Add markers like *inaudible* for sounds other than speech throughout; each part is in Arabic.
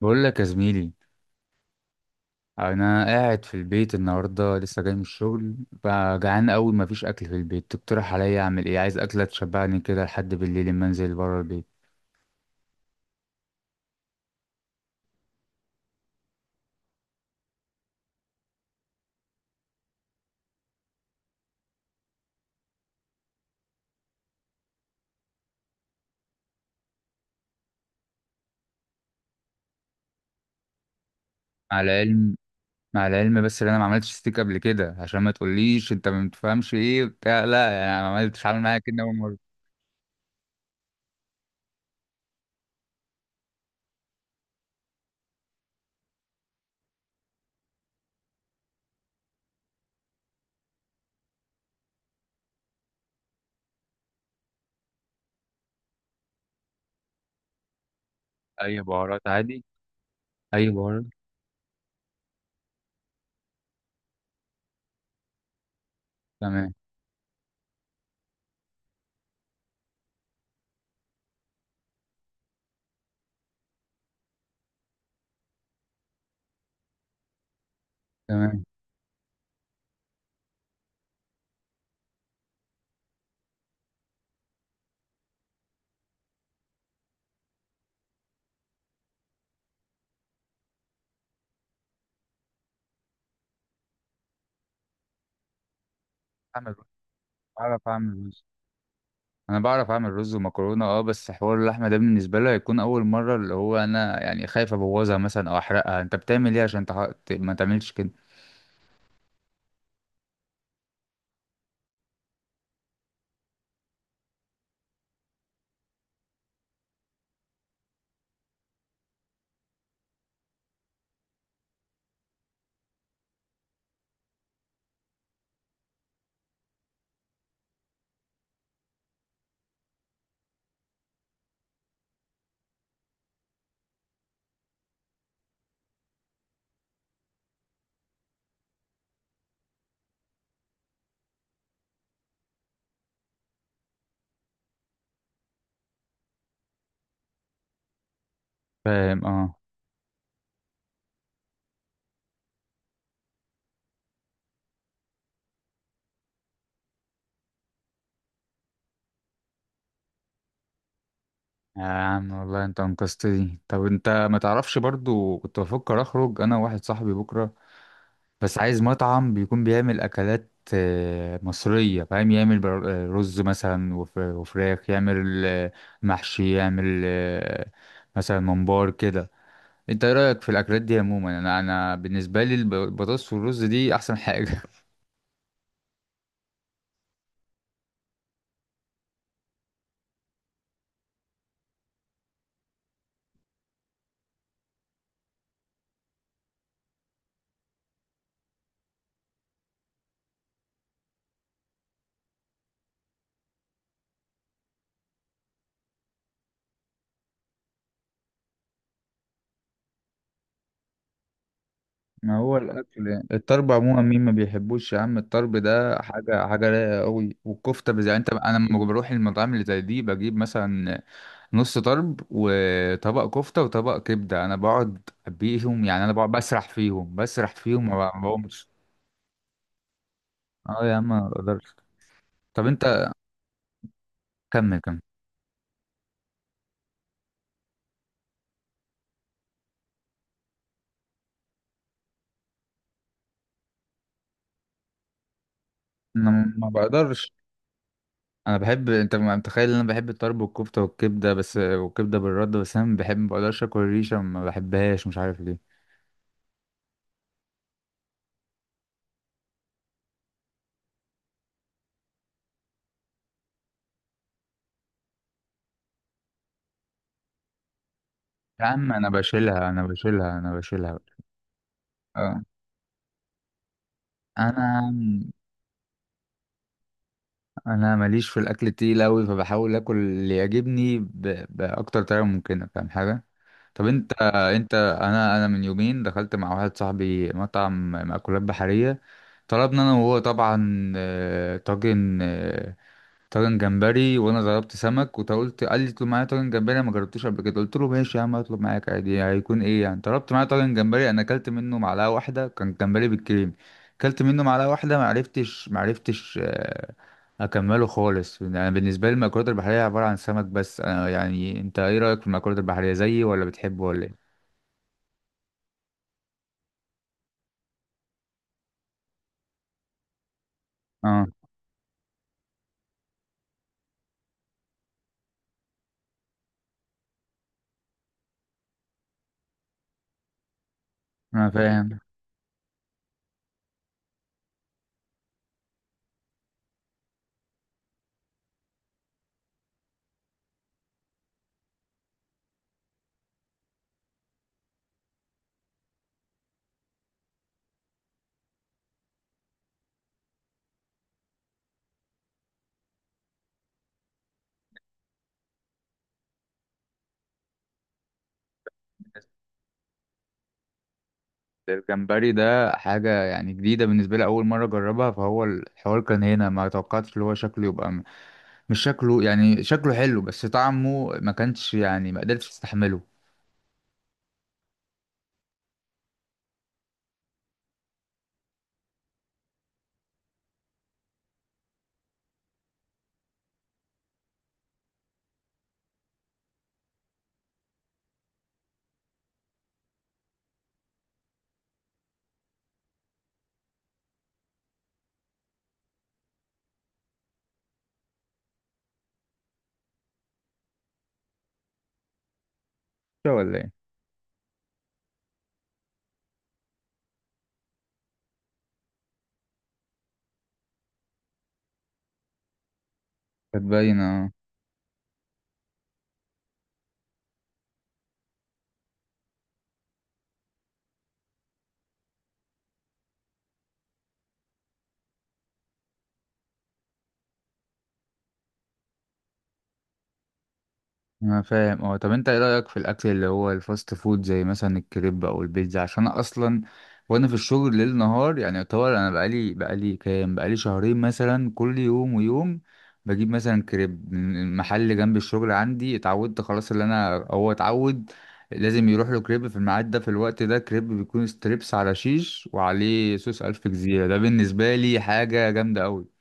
بقول لك يا زميلي، انا قاعد في البيت النهارده لسه جاي من الشغل بقى. جعان قوي مفيش اكل في البيت. تقترح عليا اعمل ايه؟ عايز اكله تشبعني كده لحد بالليل لما انزل بره البيت. مع العلم مع العلم بس ان انا ما عملتش ستيك قبل كده، عشان ما تقوليش انت ما بتفهمش ايه بتاع. لا يعني أنا ما عملتش، عامل معايا كده اول مره. اي بهارات عادي، اي بهارات. تمام. تمام. اعمل رز. اعرف اعمل رز. انا بعرف اعمل رز ومكرونه، اه. بس حوار اللحمه ده بالنسبه لي هيكون اول مره، اللي هو انا يعني خايف ابوظها مثلا او احرقها. انت بتعمل ايه عشان ما تعملش كده؟ فاهم، اه. يا عم والله انت انقذتني. طب انت ما تعرفش برضو كنت بفكر اخرج انا وواحد صاحبي بكره، بس عايز مطعم بيكون بيعمل اكلات مصريه، فاهم. يعمل رز مثلا وفراخ. يعمل محشي. يعمل مثلا ممبار كده. انت ايه رايك في الاكلات دي عموما؟ انا بالنسبه لي البطاطس والرز دي احسن حاجه *laughs* ما هو الاكل يعني. الطرب عموما مين ما بيحبوش يا عم؟ الطرب ده حاجه، حاجه رايقه قوي. والكفته يعني انت. انا لما بروح المطاعم اللي زي دي بجيب مثلا نص طرب وطبق كفته وطبق كبده. انا بقعد بيهم يعني، انا بقعد بسرح فيهم، بسرح فيهم ما بقومش. اه يا عم ما بقدرش. طب انت. كمل كمل. انا ما بقدرش. انا بحب، انت ما متخيل ان انا بحب الطرب والكفته والكبده بس، والكبده بالرده بس. انا بحب، ما بقدرش اكل الريشه. ما بحبهاش، مش عارف ليه. يا عم انا بشيلها، انا بشيلها، انا بشيلها. اه، انا انا ماليش في الاكل التقيل قوي، فبحاول اكل اللي يعجبني باكتر طريقه ممكنه. فاهم حاجه. طب انت. انا من يومين دخلت مع واحد صاحبي مطعم مأكولات بحريه. طلبنا انا وهو طبعا طاجن، طاجن جمبري. وانا ضربت سمك، وانت قلت. قال لي اطلب معايا طاجن جمبري، انا ما جربتوش قبل كده. قلت له ماشي يا عم، اطلب معاك عادي، هيكون ايه يعني. طلبت معايا طاجن جمبري. انا اكلت منه معلقه واحده، كان جمبري بالكريم. اكلت منه معلقه واحده، ما عرفتش اكمله خالص. انا بالنسبه لي المأكولات البحريه عباره عن سمك بس. انا يعني انت ايه رايك في المأكولات البحريه زيي، ولا بتحبه ولا ايه؟ اه. انا فاهم. الجمبري ده حاجة يعني جديدة بالنسبة لي، أول مرة أجربها. فهو الحوار كان هنا، ما توقعتش اللي هو شكله يبقى. مش شكله يعني، شكله حلو بس طعمه ما كانش يعني، ما قدرتش تستحمله. شو ولا ايه. كانت باينة. انا فاهم، اه. طب انت ايه رايك في الاكل اللي هو الفاست فود زي مثلا الكريب او البيتزا؟ عشان انا اصلا وانا في الشغل ليل نهار يعني، يعتبر انا بقالي كام، بقالي شهرين مثلا، كل يوم ويوم بجيب مثلا كريب من محل جنب الشغل عندي. اتعودت خلاص. اللي انا هو اتعود لازم يروح له كريب في الميعاد ده، في الوقت ده. كريب بيكون ستريبس على شيش وعليه صوص الف جزيره. ده بالنسبه لي حاجه جامده قوي.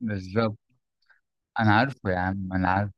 بالظبط. انا عارفه يا عم، انا عارف.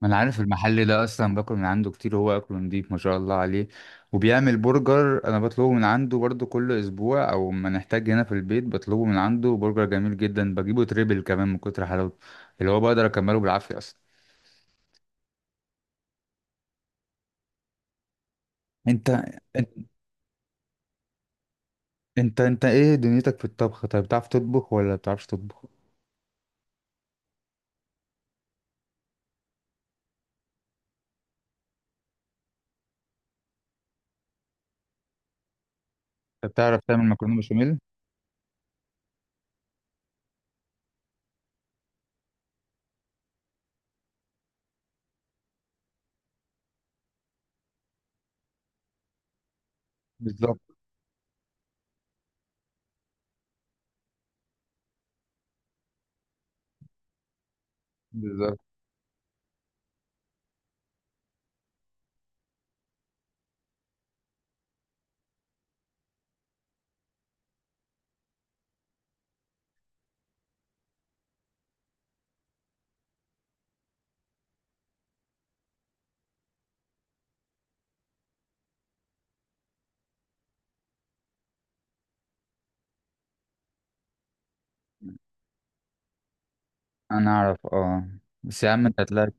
ما انا عارف المحل ده اصلا، باكل من عنده كتير، هو اكله نضيف ما شاء الله عليه. وبيعمل برجر، انا بطلبه من عنده برضو كل اسبوع، او ما نحتاج هنا في البيت بطلبه من عنده. برجر جميل جدا، بجيبه تريبل كمان من كتر حلاوته اللي هو بقدر اكمله بالعافية اصلا. انت انت انت ايه دنيتك في الطبخ طيب؟ بتعرف تطبخ ولا بتعرفش تطبخ؟ طب بتعرف تعمل مكرونة بشاميل؟ بالظبط. بالظبط. انا اعرف، اه. بس يا عم انت طلعت.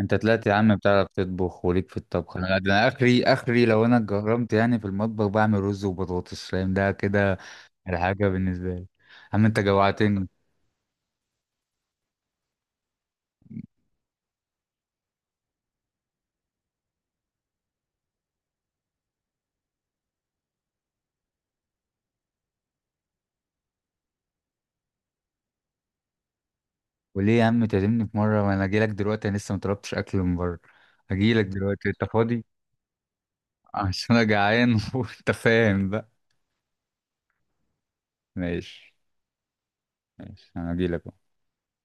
انت طلعت يا عم بتعرف تطبخ وليك في الطبخ. انا ده، انا اخري اخري. لو انا اتجرمت يعني في المطبخ بعمل رز وبطاطس، فاهم ده كده. الحاجه بالنسبه لي يا عم، انت جوعتني. وليه يا عم تعزمني في مره؟ وانا اجي لك دلوقتي. انا لسه ما طلبتش اكل من بره، اجي لك دلوقتي. انت فاضي؟ *laughs* عشان انا جعان *laughs* وانت فاهم بقى. ماشي. ماشي انا اجي لك.